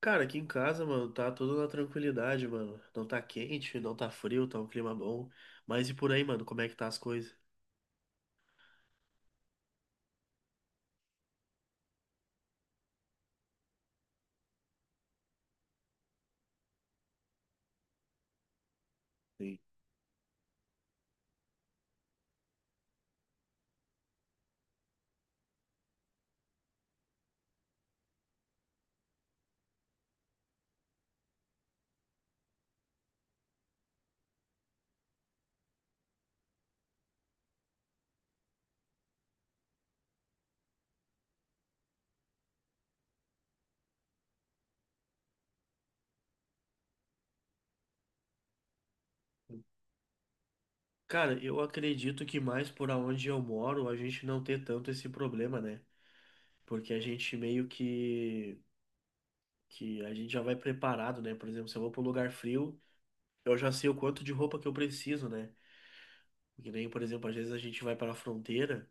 Cara, aqui em casa, mano, tá tudo na tranquilidade, mano. Não tá quente, não tá frio, tá um clima bom. Mas e por aí, mano, como é que tá as coisas? Cara, eu acredito que mais por aonde eu moro, a gente não ter tanto esse problema, né? Porque a gente meio que a gente já vai preparado, né? Por exemplo, se eu vou para um lugar frio, eu já sei o quanto de roupa que eu preciso, né? Que nem, por exemplo, às vezes a gente vai para a fronteira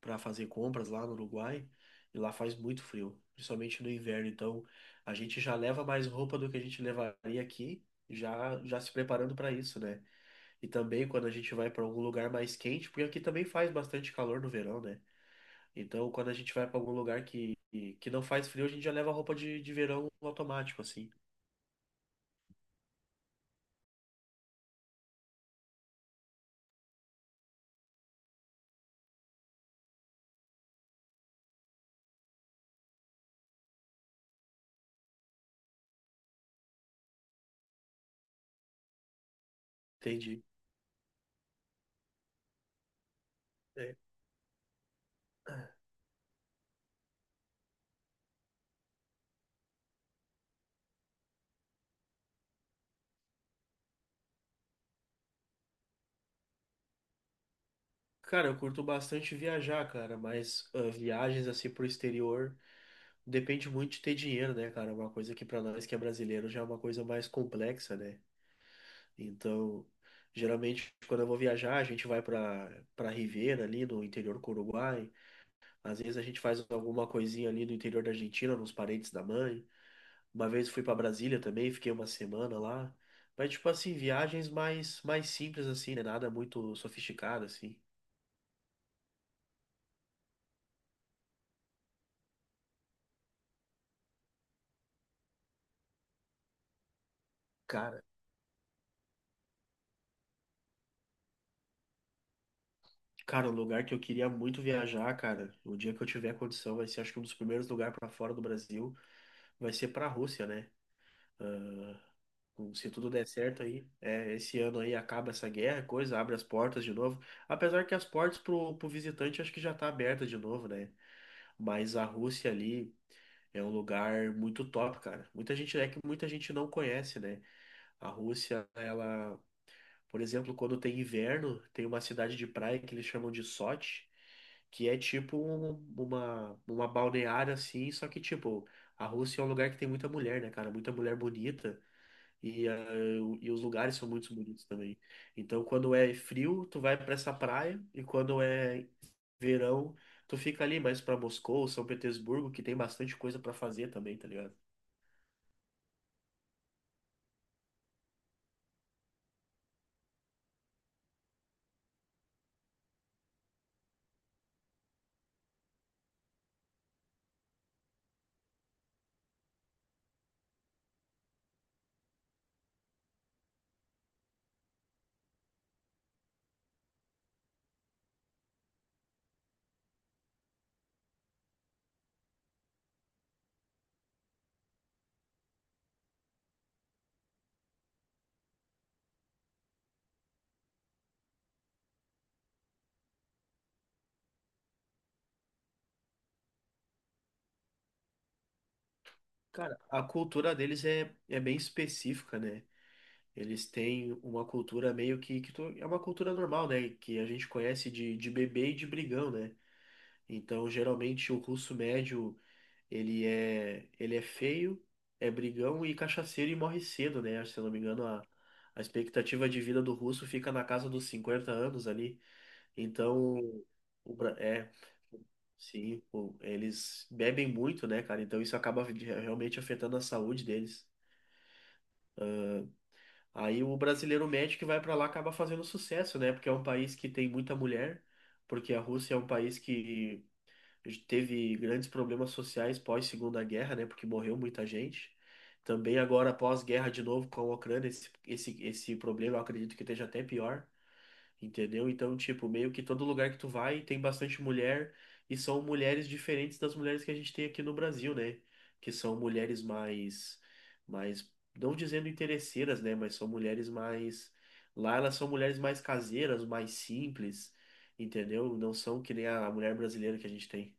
para fazer compras lá no Uruguai e lá faz muito frio, principalmente no inverno. Então a gente já leva mais roupa do que a gente levaria aqui, já já se preparando para isso, né? E também quando a gente vai para algum lugar mais quente, porque aqui também faz bastante calor no verão, né? Então quando a gente vai para algum lugar que não faz frio, a gente já leva roupa de verão automático, assim. Entendi. É. Cara, eu curto bastante viajar, cara, mas viagens assim pro exterior. Depende muito de ter dinheiro, né, cara? Uma coisa que pra nós que é brasileiro já é uma coisa mais complexa, né? Então, geralmente quando eu vou viajar, a gente vai pra para Ribeira ali no interior do Uruguai. Às vezes a gente faz alguma coisinha ali no interior da Argentina, nos parentes da mãe. Uma vez fui pra Brasília também, fiquei uma semana lá. Mas tipo assim, viagens mais simples assim, né? Nada muito sofisticado assim. Cara, cara, um lugar que eu queria muito viajar, cara, o dia que eu tiver condição, vai ser acho que um dos primeiros lugares pra fora do Brasil vai ser para a Rússia, né? Se tudo der certo aí, é, esse ano aí acaba essa guerra, coisa, abre as portas de novo. Apesar que as portas pro visitante acho que já tá aberta de novo, né? Mas a Rússia ali é um lugar muito top, cara. Muita gente não conhece, né? A Rússia, ela, por exemplo, quando tem inverno, tem uma cidade de praia que eles chamam de Sochi que é tipo uma balneária assim, só que tipo, a Rússia é um lugar que tem muita mulher, né, cara? Muita mulher bonita. E, ah, e os lugares são muito bonitos também. Então, quando é frio, tu vai para essa praia, e quando é verão, tu fica ali mais para Moscou, São Petersburgo, que tem bastante coisa para fazer também, tá ligado? Cara, a cultura deles é bem específica, né? Eles têm uma cultura meio que, é uma cultura normal, né? Que a gente conhece de bebê e de brigão, né? Então, geralmente, o russo médio. Ele é feio, é brigão e cachaceiro e morre cedo, né? Se eu não me engano, a expectativa de vida do russo fica na casa dos 50 anos ali. Então, o, Bra- é, sim, eles bebem muito, né, cara? Então isso acaba realmente afetando a saúde deles. Aí o brasileiro médio que vai pra lá acaba fazendo sucesso, né? Porque é um país que tem muita mulher, porque a Rússia é um país que teve grandes problemas sociais pós Segunda Guerra, né? Porque morreu muita gente. Também agora pós-guerra de novo com a Ucrânia, esse problema eu acredito que esteja até pior, entendeu? Então, tipo, meio que todo lugar que tu vai tem bastante mulher e são mulheres diferentes das mulheres que a gente tem aqui no Brasil, né? Que são mulheres mais, não dizendo interesseiras, né? Mas são mulheres mais, lá elas são mulheres mais caseiras, mais simples, entendeu? Não são que nem a mulher brasileira que a gente tem.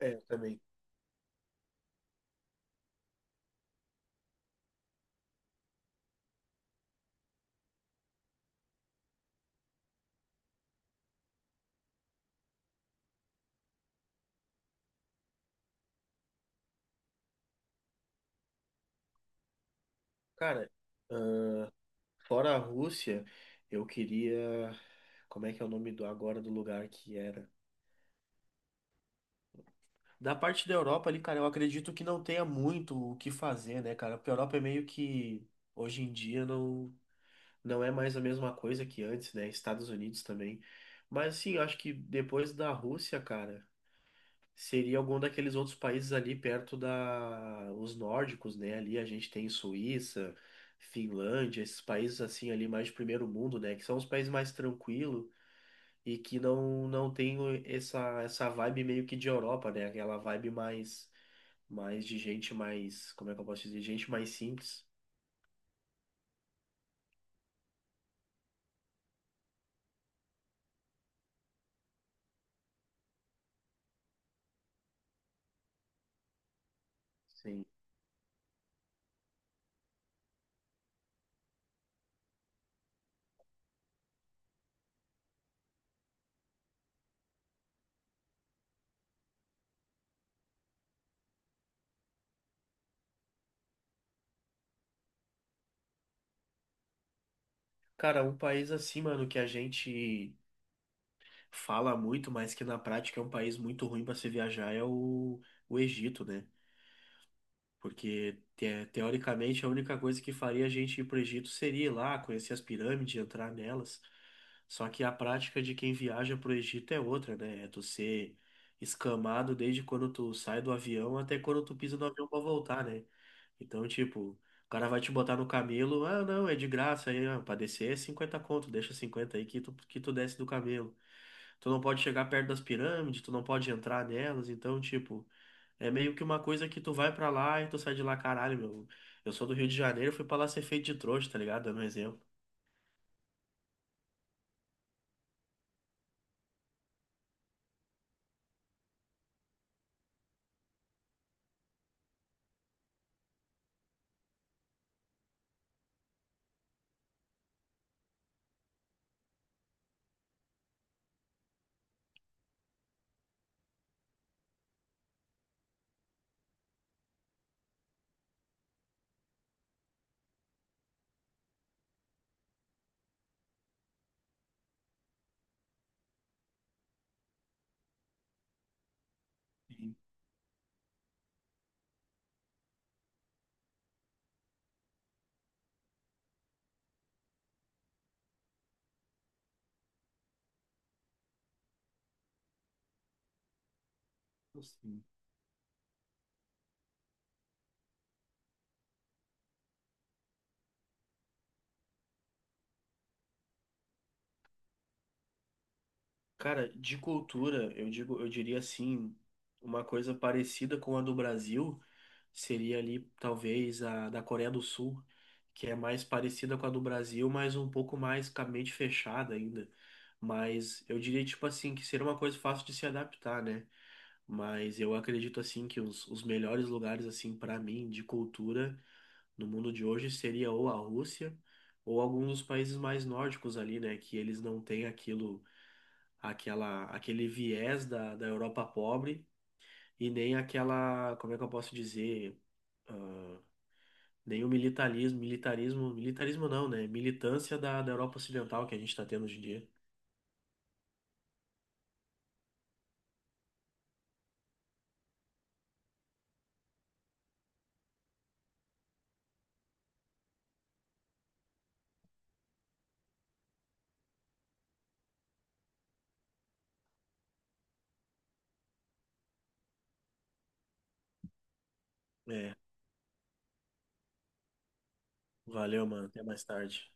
É, eu também. Cara, fora a Rússia, eu queria. Como é que é o nome do agora do lugar que era? Da parte da Europa ali, cara, eu acredito que não tenha muito o que fazer, né, cara? Porque a Europa é meio que hoje em dia não é mais a mesma coisa que antes, né? Estados Unidos também. Mas assim, eu acho que depois da Rússia, cara. Seria algum daqueles outros países ali perto da os nórdicos, né? Ali a gente tem Suíça, Finlândia, esses países assim ali mais de primeiro mundo, né? Que são os países mais tranquilos e que não tem essa essa vibe meio que de Europa, né? Aquela vibe mais mais de gente mais, como é que eu posso dizer? Gente mais simples. Sim. Cara, um país assim, mano, que a gente fala muito, mas que na prática é um país muito ruim para se viajar é o Egito, né? Porque, teoricamente, a única coisa que faria a gente ir para o Egito seria ir lá, conhecer as pirâmides, entrar nelas. Só que a prática de quem viaja para o Egito é outra, né? É tu ser escamado desde quando tu sai do avião até quando tu pisa no avião para voltar, né? Então, tipo, o cara vai te botar no camelo, ah, não, é de graça, aí, ah, pra descer é 50 conto, deixa 50 aí que tu desce do camelo. Tu não pode chegar perto das pirâmides, tu não pode entrar nelas, então, tipo. É meio que uma coisa que tu vai pra lá e tu sai de lá, caralho, meu. Eu sou do Rio de Janeiro, fui pra lá ser feito de trouxa, tá ligado? Dando um exemplo. Sim, sim. Cara, de cultura, eu diria assim, uma coisa parecida com a do Brasil seria ali talvez a da Coreia do Sul, que é mais parecida com a do Brasil, mas um pouco mais com a mente fechada ainda. Mas eu diria tipo assim que seria uma coisa fácil de se adaptar, né? Mas eu acredito assim que os melhores lugares assim para mim de cultura no mundo de hoje seria ou a Rússia ou alguns dos países mais nórdicos ali, né, que eles não têm aquilo aquela aquele viés da Europa pobre e nem aquela, como é que eu posso dizer, nem o militarismo, não, né, militância da Europa Ocidental que a gente está tendo hoje em dia. É, valeu, mano, até mais tarde.